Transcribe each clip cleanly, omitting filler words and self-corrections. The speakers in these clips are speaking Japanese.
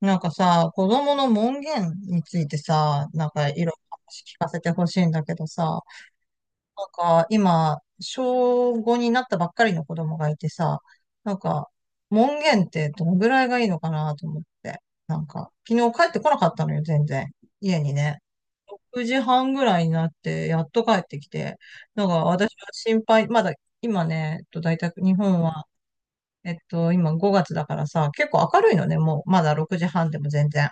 なんかさ、子供の門限についてさ、なんかいろいろ話聞かせてほしいんだけどさ、なんか今、小5になったばっかりの子供がいてさ、なんか門限ってどのぐらいがいいのかなと思って。なんか、昨日帰ってこなかったのよ、全然。家にね。6時半ぐらいになって、やっと帰ってきて。なんか私は心配、まだ今ね、大体日本は、今5月だからさ、結構明るいのね、もう、まだ6時半でも全然。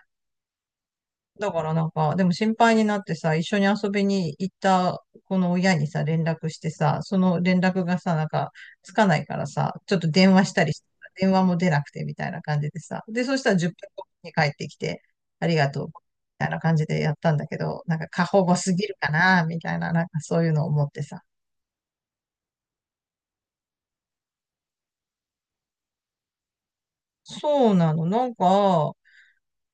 だからなんか、でも心配になってさ、一緒に遊びに行ったこの親にさ、連絡してさ、その連絡がさ、なんか、つかないからさ、ちょっと電話したりして、電話も出なくてみたいな感じでさ、で、そしたら10分後に帰ってきて、ありがとう、みたいな感じでやったんだけど、なんか過保護すぎるかな、みたいな、なんかそういうのを思ってさ。そうなの、なんか、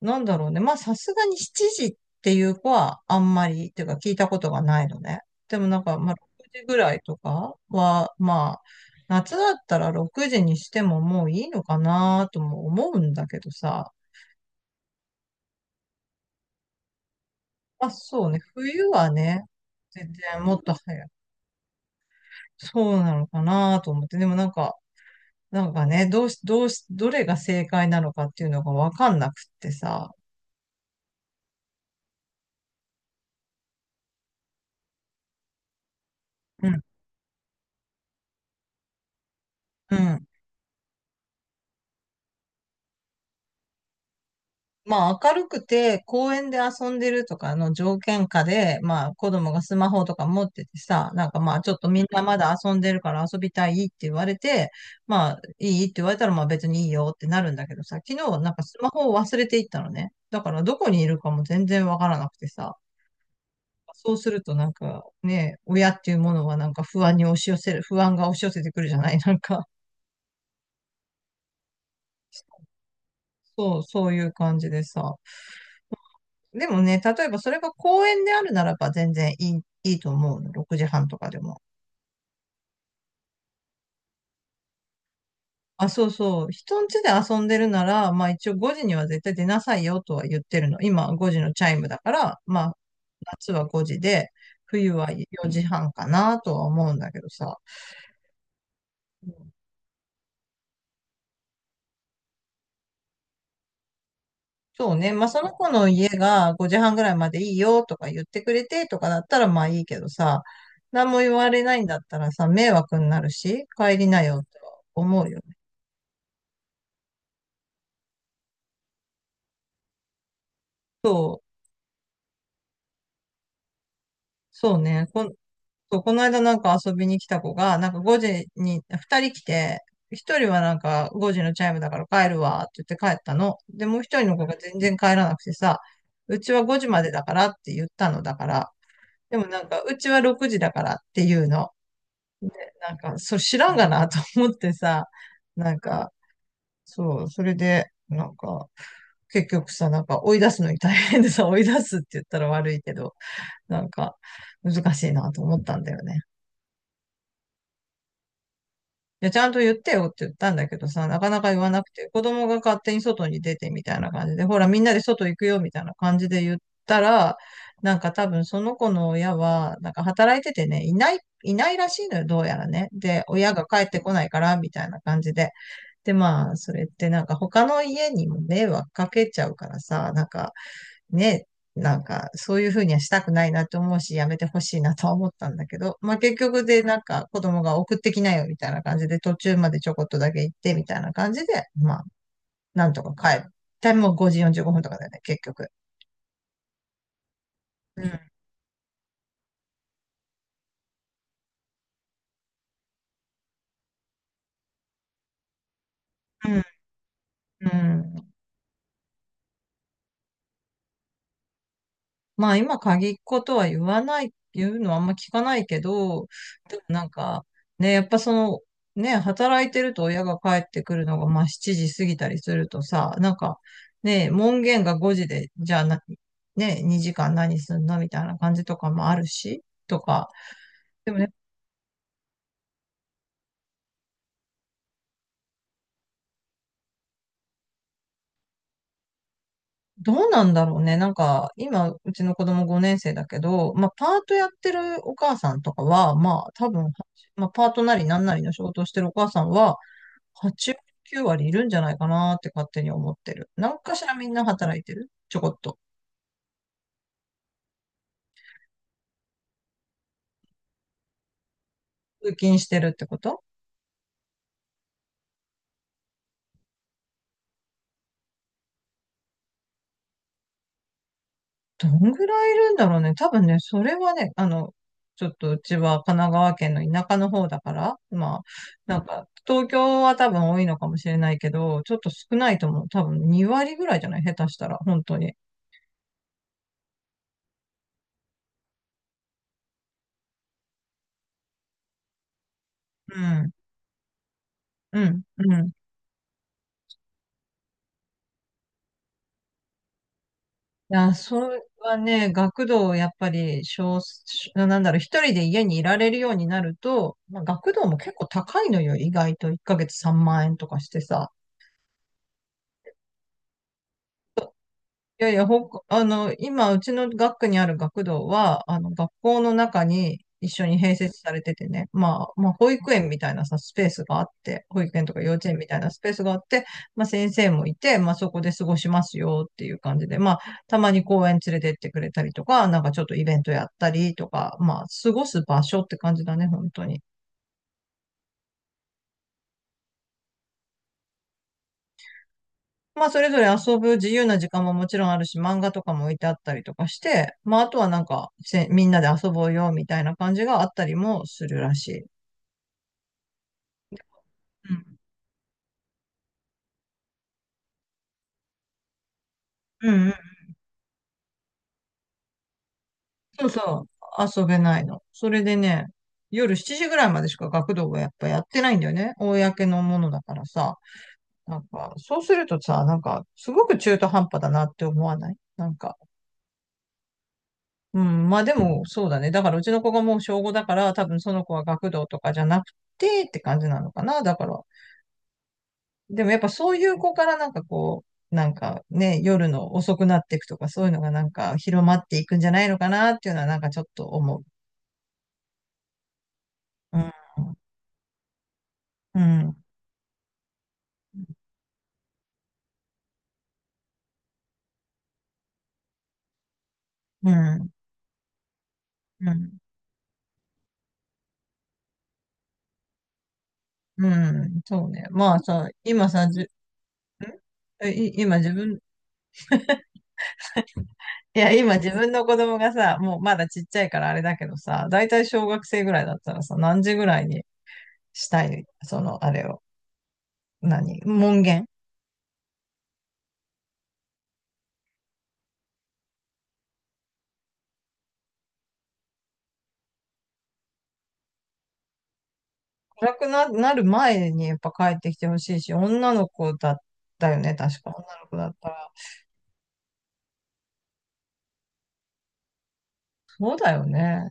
なんだろうね。まあ、さすがに7時っていう子はあんまり、っていうか聞いたことがないのね。でもなんか、まあ、6時ぐらいとかは、まあ、夏だったら6時にしてももういいのかなとも思うんだけどさ。まあ、そうね。冬はね、全然もっと早く。そうなのかなと思って。でもなんか、なんかね、どうし、どうし、どれが正解なのかっていうのがわかんなくってさ。うん。うん。まあ明るくて公園で遊んでるとかの条件下で、まあ子供がスマホとか持っててさ、なんかまあちょっとみんなまだ遊んでるから遊びたいって言われて、まあいいって言われたらまあ別にいいよってなるんだけどさ、昨日なんかスマホを忘れていったのね。だからどこにいるかも全然わからなくてさ、そうするとなんかね、親っていうものはなんか不安に押し寄せる、不安が押し寄せてくるじゃない、なんか、そう、そういう感じでさ。でもね、例えばそれが公園であるならば全然いいと思うの。6時半とかでも。あ、そうそう。人ん家で遊んでるなら、まあ一応5時には絶対出なさいよとは言ってるの。今5時のチャイムだから、まあ夏は5時で、冬は4時半かなとは思うんだけどさ。うん、そうね。まあその子の家が5時半ぐらいまでいいよとか言ってくれてとかだったらまあいいけどさ、何も言われないんだったらさ、迷惑になるし、帰りなよとは思うよね。そう。そうね。そう、この間なんか遊びに来た子が、なんか5時に2人来て、1人はなんか5時のチャイムだから帰るわって言って帰ったの。で、もう1人の子が全然帰らなくてさ、うちは5時までだからって言ったのだから、でもなんかうちは6時だからっていうの。なんか、それ知らんがなと思ってさ、なんか、そう、それで、なんか、結局さ、なんか追い出すのに大変でさ、追い出すって言ったら悪いけど、なんか難しいなと思ったんだよね。いや、ちゃんと言ってよって言ったんだけどさ、なかなか言わなくて、子供が勝手に外に出てみたいな感じで、ほら、みんなで外行くよみたいな感じで言ったら、なんか多分その子の親は、なんか働いててね、いないらしいのよ、どうやらね。で、親が帰ってこないから、みたいな感じで。で、まあ、それってなんか他の家にも迷惑かけちゃうからさ、なんか、ね、なんか、そういうふうにはしたくないなと思うし、やめてほしいなとは思ったんだけど、まあ結局でなんか子供が送ってきなよみたいな感じで、途中までちょこっとだけ行ってみたいな感じで、まあ、なんとか帰る。タイムも5時45分とかだよね、結局。うん。うん。うん。まあ今限っ子とは言わない、言うのはあんま聞かないけど、でもなんか、ね、やっぱその、ね、働いてると親が帰ってくるのがまあ7時過ぎたりするとさ、なんか、ね、門限が5時で、じゃあな、ね、2時間何すんのみたいな感じとかもあるし、とか。でもね、どうなんだろうね。なんか、今、うちの子供5年生だけど、まあ、パートやってるお母さんとかは、まあ、多分、まあ、パートなりなんなりの仕事をしてるお母さんは、8割、9割いるんじゃないかなって勝手に思ってる。なんかしらみんな働いてるちょこっと。通勤してるってこと、どんぐらいいるんだろうね。多分ね、それはね、ちょっとうちは神奈川県の田舎の方だから、まあ、なんか、東京は多分多いのかもしれないけど、ちょっと少ないと思う。多分2割ぐらいじゃない下手したら、本当に。うん、うん、うん。いや、それはね、学童をやっぱり少数、なんだろう、一人で家にいられるようになると、まあ、学童も結構高いのよ、意外と。1ヶ月3万円とかしてさ。いやいや、ほかあの、今、うちの学区にある学童は、学校の中に一緒に併設されててね、まあ、まあ、保育園みたいなさ、スペースがあって、保育園とか幼稚園みたいなスペースがあって、まあ、先生もいて、まあ、そこで過ごしますよっていう感じで、まあ、たまに公園連れてってくれたりとか、なんかちょっとイベントやったりとか、まあ、過ごす場所って感じだね、本当に。まあ、それぞれ遊ぶ自由な時間ももちろんあるし、漫画とかも置いてあったりとかして、まあ、あとはなんか、みんなで遊ぼうよみたいな感じがあったりもするらしい。うん。うんうん。そうそう。遊べないの。それでね、夜7時ぐらいまでしか学童はやっぱやってないんだよね。公のものだからさ。なんか、そうするとさ、なんか、すごく中途半端だなって思わないなんか、うん。まあでも、そうだね。だからうちの子がもう小午だから、多分その子は学童とかじゃなくてって感じなのかな。だから、でもやっぱそういう子からなんかこう、なんかね、夜の遅くなっていくとか、そういうのがなんか広まっていくんじゃないのかなっていうのはなんかちょっと思う。うん。うん。うん。うん。うん、そうね。まあさ、今さ、じゅ、んえい今自分、いや、今自分の子供がさ、もうまだちっちゃいからあれだけどさ、だいたい小学生ぐらいだったらさ、何時ぐらいにしたい、その、あれを、何、門限、暗くなる前にやっぱ帰ってきてほしいし、女の子だったよね、確か。女の子だったら。そうだよね。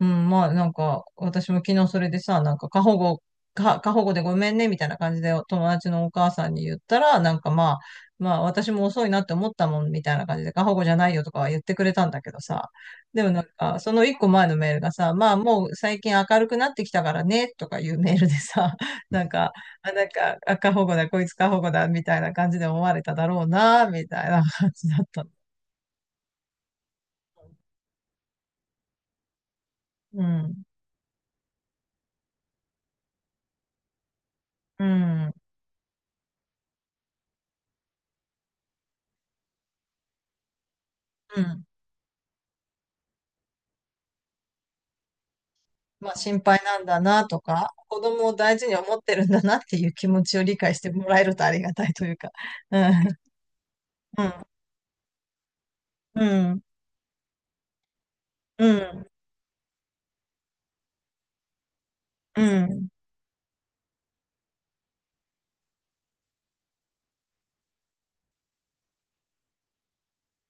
うん、まあなんか、私も昨日それでさ、なんか過保護でごめんね、みたいな感じで友達のお母さんに言ったら、なんかまあ、まあ私も遅いなって思ったもん、みたいな感じで、過保護じゃないよとかは言ってくれたんだけどさ。でもなんか、その一個前のメールがさ、まあもう最近明るくなってきたからね、とかいうメールでさ、なんか、あ、なんか、あ過保護だ、こいつ過保護だ、みたいな感じで思われただろうな、みたいな感じだったの。うん。うん。うん。まあ心配なんだなとか、子供を大事に思ってるんだなっていう気持ちを理解してもらえるとありがたいというか。うん、うん、うん、うん、うん、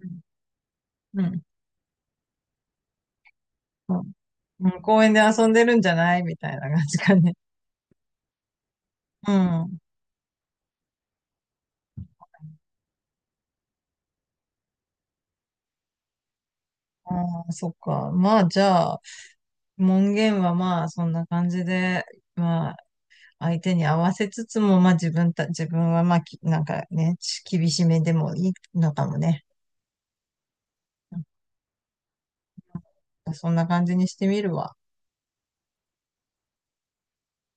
うん、うん、うん、うん、公園で遊んでるんじゃないみたいな感じかね。うん。ああ、そっか。まあ、じゃあ、門限はまあ、そんな感じで、まあ、相手に合わせつつも、まあ、自分はまあ、なんかね、厳しめでもいいのかもね。なんかそんな感じにしてみるわ。